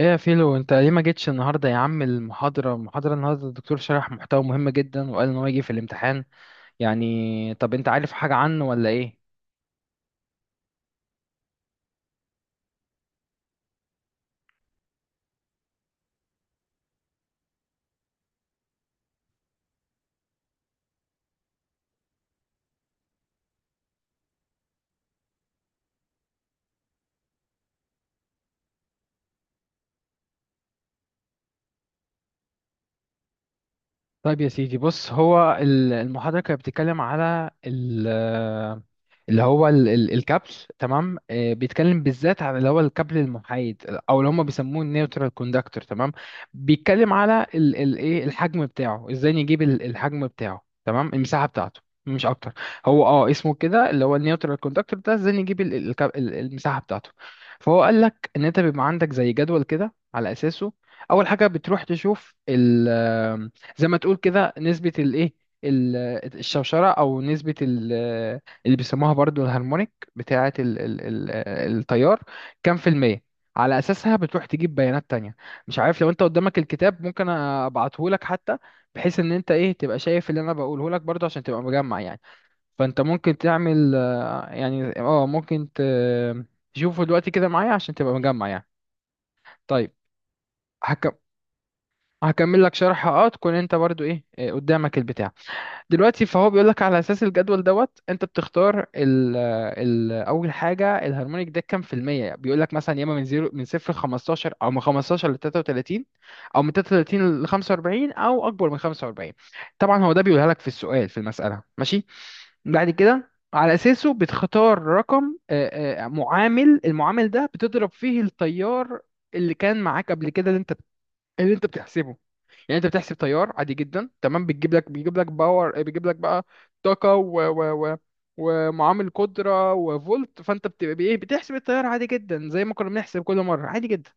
ايه يا فيلو انت ليه ما جيتش النهارده يا عم؟ المحاضره النهارده الدكتور شرح محتوى مهم جدا، وقال ان هو يجي في الامتحان. يعني طب انت عارف حاجه عنه ولا ايه؟ طيب يا سيدي، بص هو المحاضرة كانت بتتكلم على ال- اللي هو ال- ال- الكابل. تمام. بيتكلم بالذات على اللي هو الكابل المحايد، او اللي هم بيسموه النيوترال كوندكتور. تمام. بيتكلم على ايه الحجم بتاعه، ازاي نجيب الحجم بتاعه، تمام، المساحة بتاعته مش اكتر. هو اسمه كده اللي هو النيوترال كوندكتور ده، ازاي نجيب المساحة بتاعته. فهو قال لك ان انت بيبقى عندك زي جدول كده، على اساسه اول حاجة بتروح تشوف زي ما تقول كده نسبة الايه، ال- الشوشرة، أو نسبة اللي بيسموها برضو الهارمونيك بتاعة التيار، كام في المية. على أساسها بتروح تجيب بيانات تانية. مش عارف، لو أنت قدامك الكتاب ممكن أبعته لك حتى، بحيث إن أنت إيه تبقى شايف اللي أنا بقوله لك برضو عشان تبقى مجمع يعني. فأنت ممكن تعمل، آه، يعني أه ممكن تشوفه دلوقتي كده معايا عشان تبقى مجمع يعني. طيب. هكم... هكمل لك شرح، تكون أنت برضو إيه، قدامك البتاع دلوقتي. فهو بيقول لك على اساس الجدول دوت، انت بتختار ال ال اول حاجه الهارمونيك ده كام في الميه. بيقول لك مثلا يا اما من زيرو من صفر ل 15، او من 15 ل 33، او من 33 ل 45، او اكبر من 45. طبعا هو ده بيقولها لك في السؤال، في المساله، ماشي. بعد كده على اساسه بتختار رقم، معامل. المعامل ده بتضرب فيه التيار اللي كان معاك قبل كده، اللي انت بتحسبه. يعني انت بتحسب تيار عادي جدا، تمام، بتجيب لك بيجيب لك باور، بيجيب لك بقى طاقه و ومعامل قدره وفولت، فانت بتبقى بايه، بتحسب التيار عادي جدا زي ما كنا بنحسب كل مره، عادي جدا.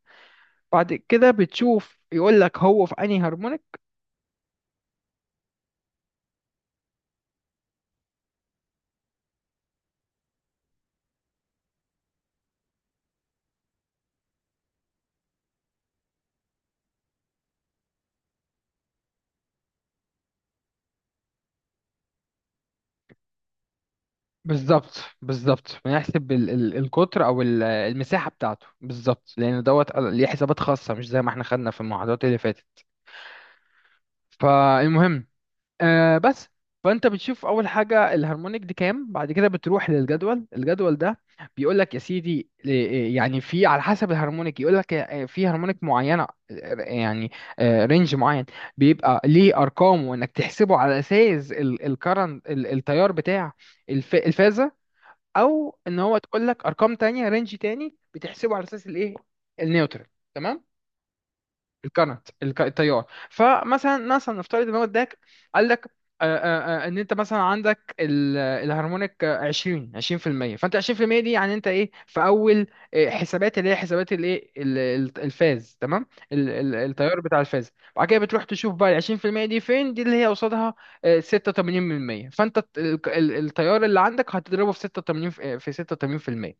بعد كده بتشوف، يقول لك هو في انهي هارمونيك. بالظبط، بنحسب ال ال القطر او المساحه بتاعته بالظبط، لان دوت ليه حسابات خاصه مش زي ما احنا خدنا في المحاضرات اللي فاتت. فالمهم، آه بس فانت بتشوف اول حاجه الهارمونيك دي كام، بعد كده بتروح للجدول. الجدول ده بيقول لك يا سيدي، يعني في على حسب الهارمونيك، يقول لك في هارمونيك معينه، يعني رينج معين، بيبقى ليه ارقام، وانك تحسبه على اساس الكرنت، التيار بتاع الفازه. او ان هو تقول لك ارقام تانية، رينج تاني، بتحسبه على اساس الايه، النيوترال. تمام. التيار. فمثلا نفترض ان هو اداك، قال لك، ان انت مثلا عندك الهارمونيك 20 20%، فانت 20% دي يعني انت ايه في اول، حسابات، اللي هي حسابات الايه، الفاز، تمام، التيار بتاع الفاز. بعد كده بتروح تشوف بقى ال 20% دي فين، دي اللي هي قصادها، 86%. فانت التيار اللي عندك هتضربه في 86، في 86%.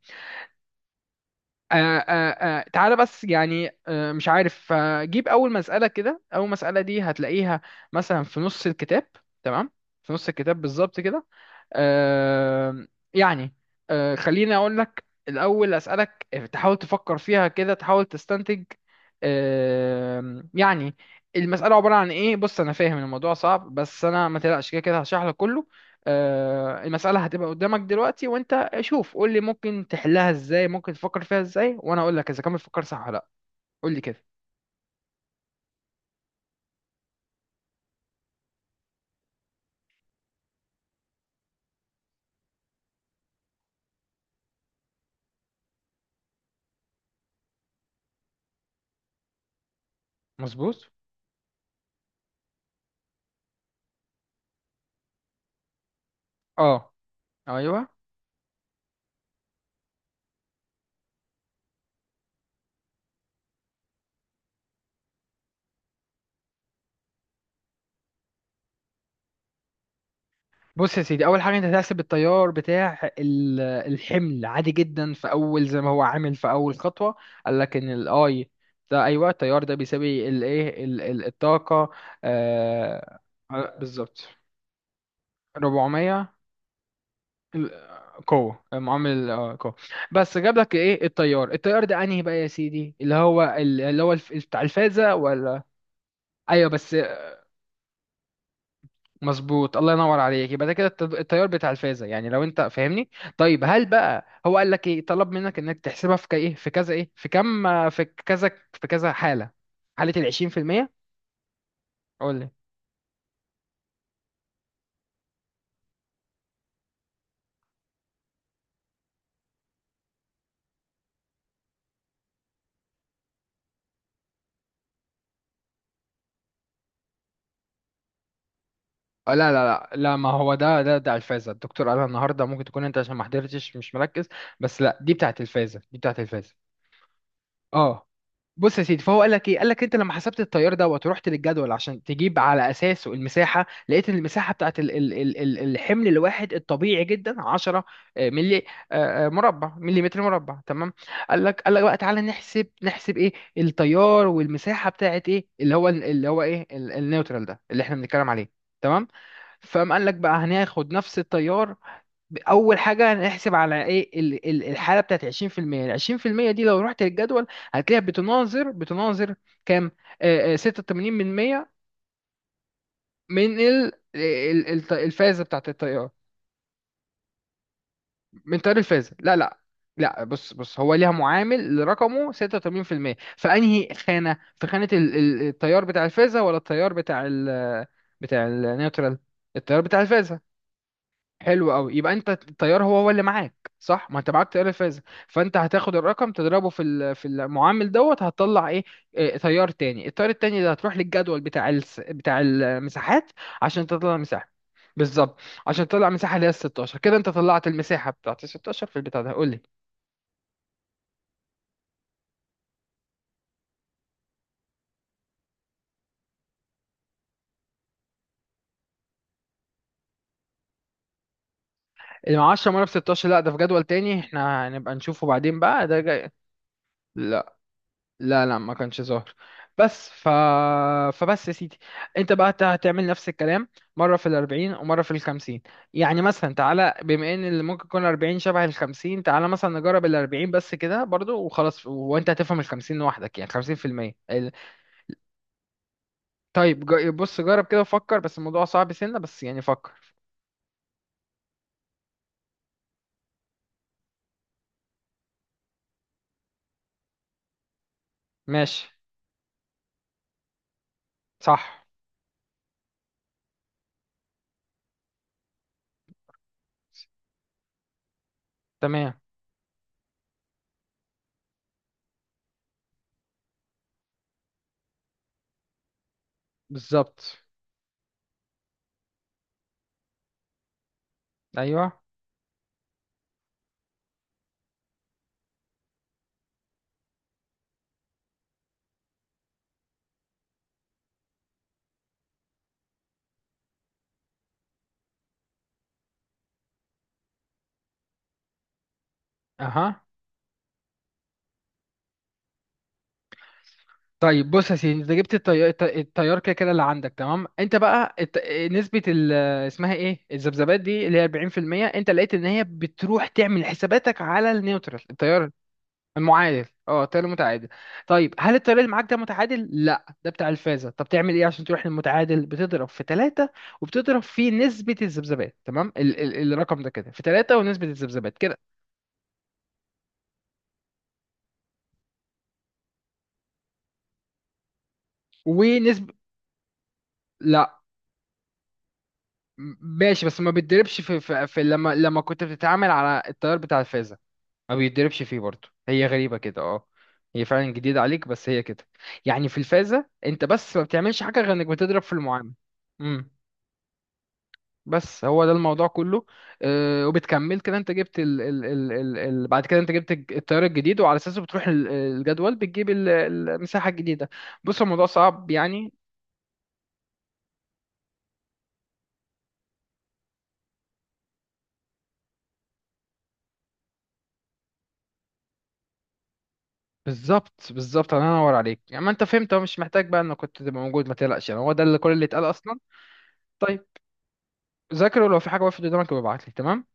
آه آه تعالى بس يعني، مش عارف، جيب أول مسألة كده. أول مسألة دي هتلاقيها مثلا في نص الكتاب، تمام، في نص الكتاب بالظبط كده. آه يعني، خليني أقول لك الأول أسألك، تحاول تفكر فيها كده، تحاول تستنتج آه يعني المسألة عبارة عن إيه. بص أنا فاهم الموضوع صعب، بس أنا، ما تقلقش، كده كده هشرح لك كله. المسألة هتبقى قدامك دلوقتي، وانت شوف قول لي ممكن تحلها ازاي، ممكن تفكر فيها ازاي، وانا اقول لك اذا كان بتفكر صح ولا لا. قول لي كده. مظبوط. اه، ايوه. بص يا سيدي، اول حاجه انت هتحسب التيار بتاع الحمل عادي جدا في اول، زي ما هو عامل في اول خطوه. قال لك ان الاي ده، ايوه، التيار ده بيساوي الايه، الطاقه. آه بالظبط. 400 ال- قوة، معامل قوة. بس جاب لك ايه التيار، التيار ده انهي بقى يا سيدي، اللي هو بتاع الفازة ولا؟ ايوه بس. مظبوط، الله ينور عليك، يبقى ده كده التيار بتاع الفازة، يعني لو انت فاهمني. طيب هل بقى هو قال لك ايه، طلب منك انك تحسبها في ك- ايه في كذا ايه في كم في كذا في كذا حالة، حالة ال 20%؟ قول لي. لا، لا، لا، لا، ما هو ده الفازة. الدكتور قالها النهارده، ممكن تكون انت عشان ما حضرتش مش مركز، بس لا دي بتاعت الفازة، دي بتاعت الفازة. اه بص يا سيدي، فهو قال لك ايه، قال لك انت لما حسبت التيار دوت ورحت للجدول عشان تجيب على اساسه المساحه، لقيت ان المساحه بتاعت الحمل الواحد الطبيعي جدا 10 ملي، مربع، مليمتر مربع، تمام. قال لك بقى تعالى نحسب، نحسب ايه التيار والمساحه بتاعت ايه، اللي هو النيوترال ده اللي احنا بنتكلم عليه، تمام. فقام قال لك بقى هناخد نفس التيار. اول حاجه هنحسب على ايه الحاله بتاعت 20%. ال 20% دي لو رحت للجدول هتلاقيها بتناظر كام؟ 86% من مية. من الفازه بتاعت التيار، من تيار الفازه؟ لا، لا بص هو ليها معامل رقمه 86%. فانهي خانه، في خانه التيار بتاع الفازه ولا التيار بتاع بتاع النيوترال؟ التيار بتاع الفازه. حلو قوي، يبقى انت التيار هو هو اللي معاك، صح، ما انت معاك تيار الفازة. فانت هتاخد الرقم تضربه في المعامل دوت، هتطلع ايه؟ اه، تيار تاني. التيار التاني ده هتروح للجدول بتاع المساحات عشان تطلع مساحة. بالظبط. عشان تطلع مساحة اللي هي ال 16. كده انت طلعت المساحة بتاعت ال 16 في البتاع ده، قول لي. ال 10 مرة ب 16، لا، ده في جدول تاني احنا هنبقى نشوفه بعدين بقى، ده جاي. لا لا، لا، ما كانش ظاهر. بس ف... فبس يا سيدي، انت بقى هتعمل نفس الكلام مرة في الأربعين ومرة في الخمسين. يعني مثلا تعالى، بما ان اللي ممكن يكون أربعين شبه الخمسين، تعالى مثلا نجرب الأربعين بس كده برضو وخلاص، وانت هتفهم الخمسين لوحدك، يعني 50% طيب. بص جرب كده وفكر، بس الموضوع صعب سنة، بس يعني فكر. ماشي. صح. تمام. بالظبط. ايوه. اها. طيب بص يا سيدي، انت جبت التيار كده كده اللي عندك، تمام. انت بقى الت... نسبة ال... اسمها ايه الذبذبات دي اللي هي 40%، انت لقيت ان هي بتروح تعمل حساباتك على النيوترال، التيار المعادل، اه، التيار المتعادل. طيب هل التيار اللي معاك ده متعادل؟ لا، ده بتاع الفازة. طب تعمل ايه عشان تروح للمتعادل؟ بتضرب في ثلاثة وبتضرب في نسبة الذبذبات، تمام، الرقم ده كده في ثلاثة ونسبة الذبذبات كده. ونسبة. لا، ماشي، بس ما بيتدربش في، لما كنت بتتعامل على التيار بتاع الفازة، ما بيتدربش فيه برضه، هي غريبة كده اه. هي فعلا جديدة عليك، بس هي كده. يعني في الفازة انت بس ما بتعملش حاجة غير انك بتضرب في المعامل. امم بس هو ده الموضوع كله. وبتكمل كده، انت جبت ال ال ال ال ال بعد كده انت جبت التيار الجديد، وعلى اساسه بتروح الجدول بتجيب المساحة الجديدة. بص الموضوع صعب يعني. بالظبط، الله ينور عليك، يعني ما انت فهمت، هو مش محتاج بقى انك كنت تبقى موجود، ما تقلقش، يعني هو ده اللي كل اللي اتقال اصلا. طيب ذاكر، ولو في حاجه وقفت قدامك ابقى ابعت لي، تمام.